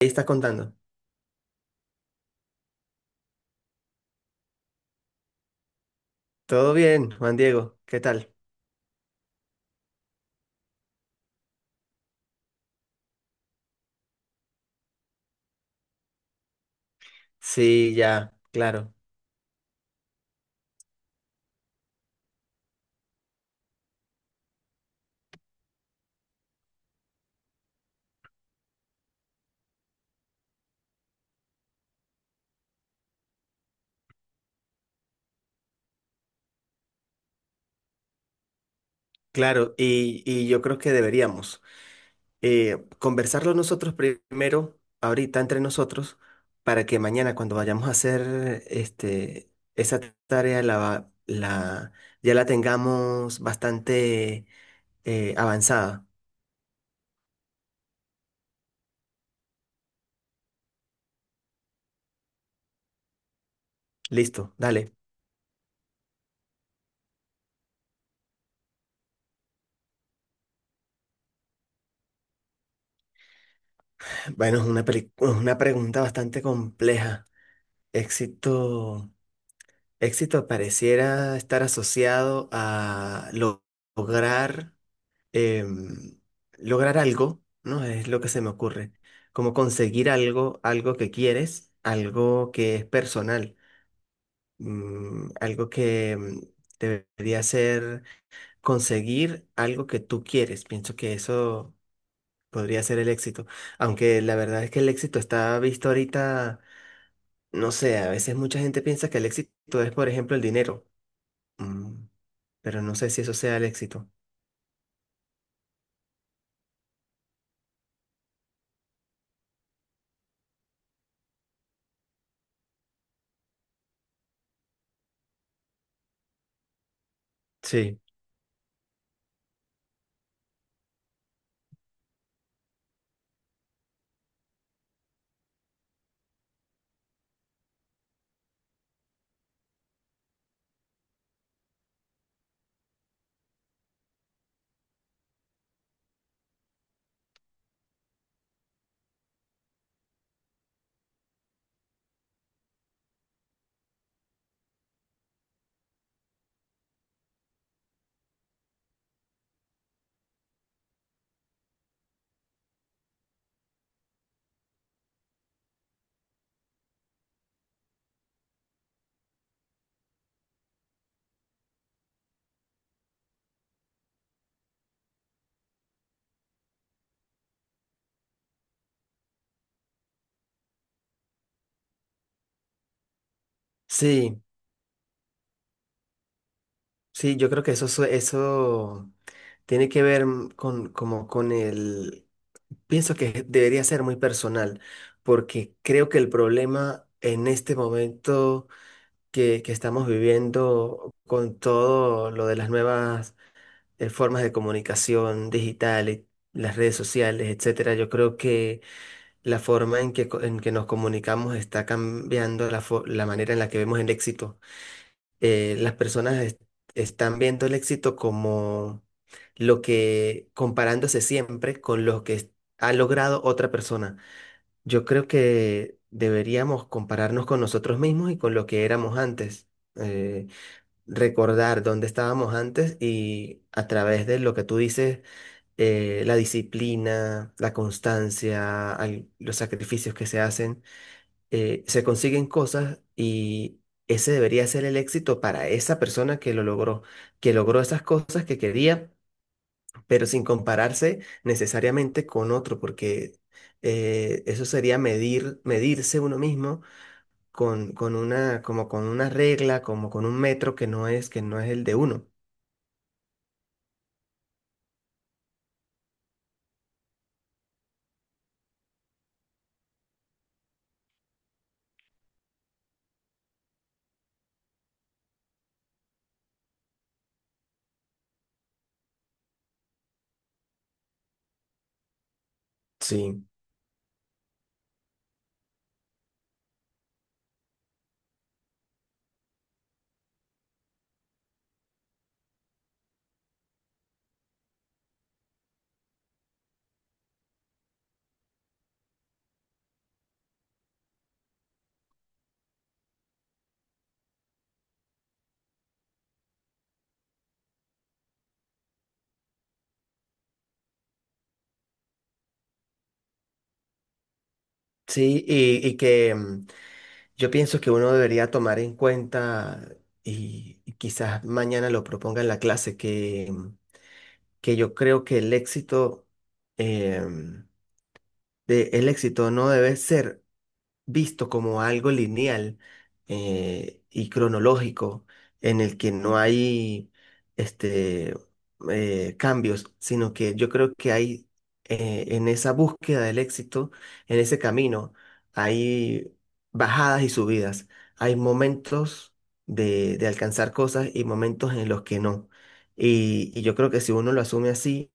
Ahí estás contando. Todo bien, Juan Diego, ¿qué tal? Sí, ya, claro, claro, y yo creo que deberíamos conversarlo nosotros primero, ahorita entre nosotros, para que mañana cuando vayamos a hacer esa tarea ya la tengamos bastante avanzada. Listo, dale. Bueno, es una pregunta bastante compleja. Éxito. Éxito pareciera estar asociado a lograr, em, lograr algo, ¿no? Es lo que se me ocurre. Como conseguir algo, algo que quieres, algo que es personal, algo que debería ser conseguir algo que tú quieres. Pienso que eso podría ser el éxito. Aunque la verdad es que el éxito está visto ahorita, no sé, a veces mucha gente piensa que el éxito es, por ejemplo, el dinero. Mm, Pero no sé si eso sea el éxito. Sí, sí, sí, yo creo que eso tiene que ver como con pienso que debería ser muy personal, porque creo que el problema en este momento que estamos viviendo con todo lo de las nuevas formas de comunicación digital y las redes sociales, etcétera, yo creo que la forma en en que nos comunicamos está cambiando la manera en la que vemos el éxito. Las personas están viendo el éxito como lo que, comparándose siempre con lo que ha logrado otra persona. Yo creo que deberíamos compararnos con nosotros mismos y con lo que éramos antes. eh, recordar dónde estábamos antes y a través de lo que tú dices, la disciplina, la constancia, los sacrificios que se hacen se consiguen cosas y ese debería ser el éxito para esa persona que lo logró, que logró esas cosas que quería, pero sin compararse necesariamente con otro, porque eso sería medirse uno mismo con una, como con una regla, como con un metro que no que no es el de uno. Sí, sí, y que yo pienso que uno debería tomar en cuenta y quizás mañana lo proponga en la clase que yo creo que el éxito, em, el éxito no debe ser visto como algo lineal y cronológico en el que no hay este, cambios, sino que yo creo que hay en esa búsqueda del éxito, en ese camino, hay bajadas y subidas, hay momentos de alcanzar cosas y momentos en los que no. Y yo creo que si uno lo asume así,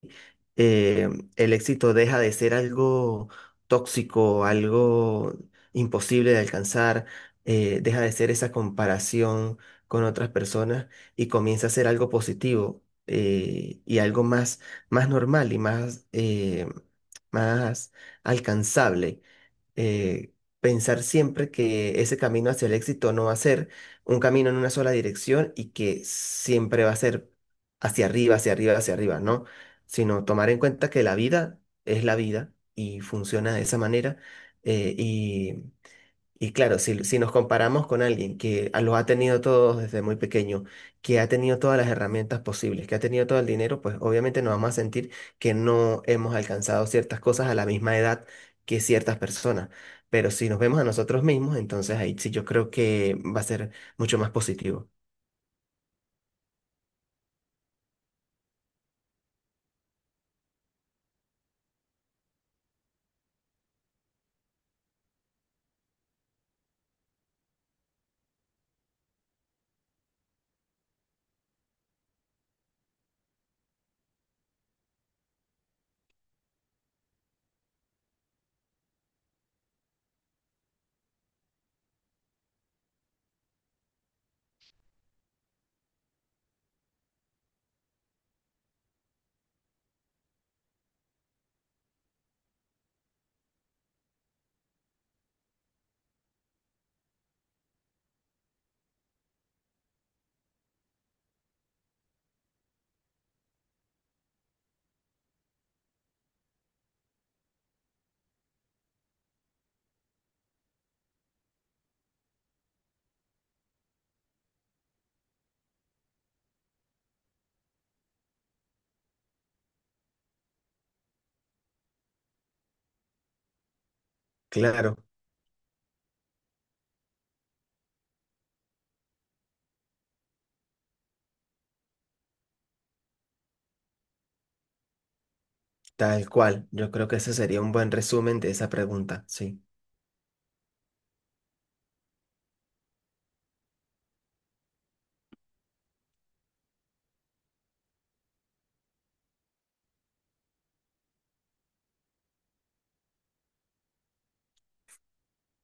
eh, el éxito deja de ser algo tóxico, algo imposible de alcanzar, deja de ser esa comparación con otras personas y comienza a ser algo positivo y algo más, más normal y más alcanzable. Eh, pensar siempre que ese camino hacia el éxito no va a ser un camino en una sola dirección y que siempre va a ser hacia arriba, hacia arriba, hacia arriba, ¿no? Sino tomar en cuenta que la vida es la vida y funciona de esa manera eh, y y claro, si nos comparamos con alguien que lo ha tenido todo desde muy pequeño, que ha tenido todas las herramientas posibles, que ha tenido todo el dinero, pues obviamente nos vamos a sentir que no hemos alcanzado ciertas cosas a la misma edad que ciertas personas. Pero si nos vemos a nosotros mismos, entonces ahí sí yo creo que va a ser mucho más positivo. Claro, tal cual. Yo creo que ese sería un buen resumen de esa pregunta, sí.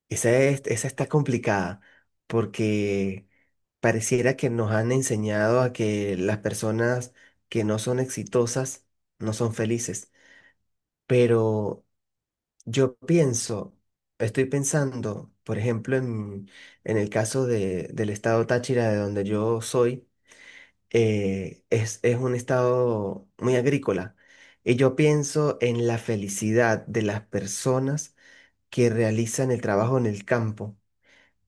Esa es, esa está complicada porque pareciera que nos han enseñado a que las personas que no son exitosas no son felices. Pero yo pienso, estoy pensando, por ejemplo, en el caso del estado Táchira, de donde yo soy, es un estado muy agrícola. Y yo pienso en la felicidad de las personas que realizan el trabajo en el campo.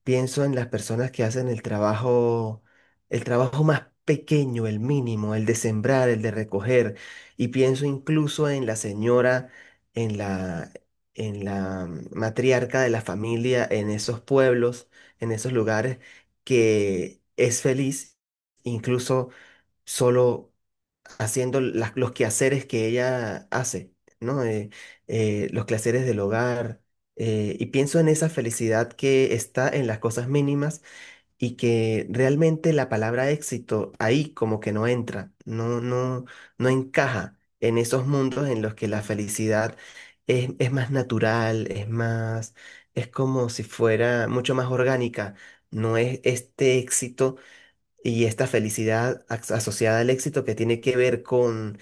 Pienso en las personas que hacen el trabajo más pequeño, el mínimo, el de sembrar, el de recoger, y pienso incluso en la señora, en la, en la matriarca de la familia, en esos pueblos, en esos lugares, que es feliz, incluso solo haciendo los quehaceres que ella hace, ¿no? Los quehaceres del hogar. Y pienso en esa felicidad que está en las cosas mínimas y que realmente la palabra éxito ahí como que no entra, no encaja en esos mundos en los que la felicidad es más natural, es más, es como si fuera mucho más orgánica. No es este éxito y esta felicidad asociada al éxito que tiene que ver con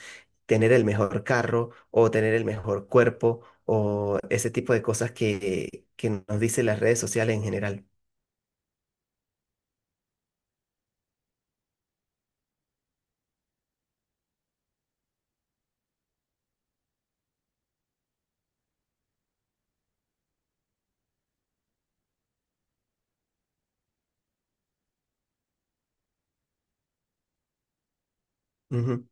tener el mejor carro o tener el mejor cuerpo o ese tipo de cosas que nos dicen las redes sociales en general. Ujú.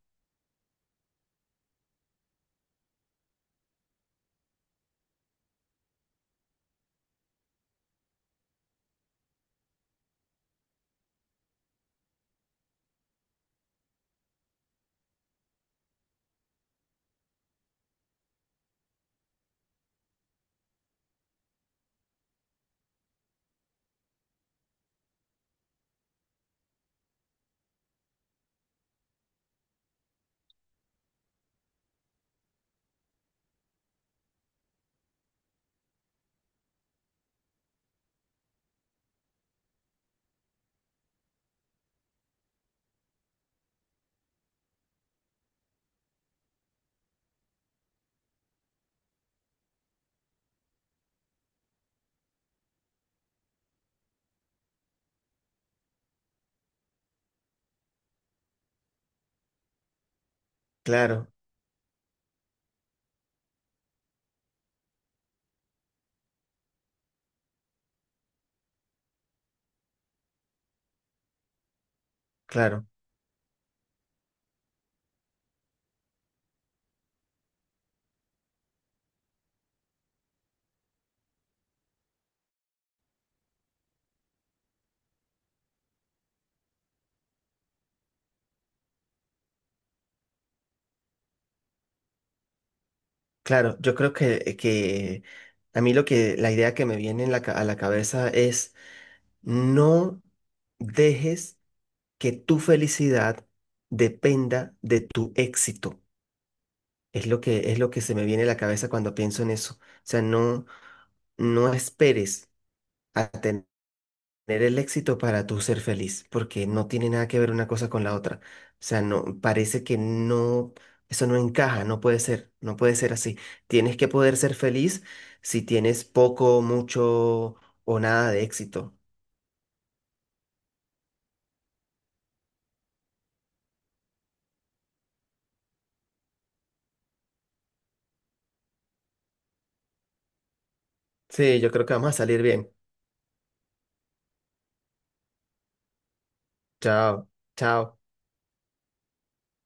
Claro, claro, claro. Yo creo que a mí lo que la idea que me viene en la a la cabeza es no dejes que tu felicidad dependa de tu éxito. Es lo que se me viene a la cabeza cuando pienso en eso. O sea, no. No esperes a tener el éxito para tú ser feliz, porque no tiene nada que ver una cosa con la otra. O sea, no, parece que no, eso no encaja, no puede ser, no puede ser así. Tienes que poder ser feliz si tienes poco, mucho o nada de éxito. Sí, yo creo que vamos a salir bien. Chao, chao.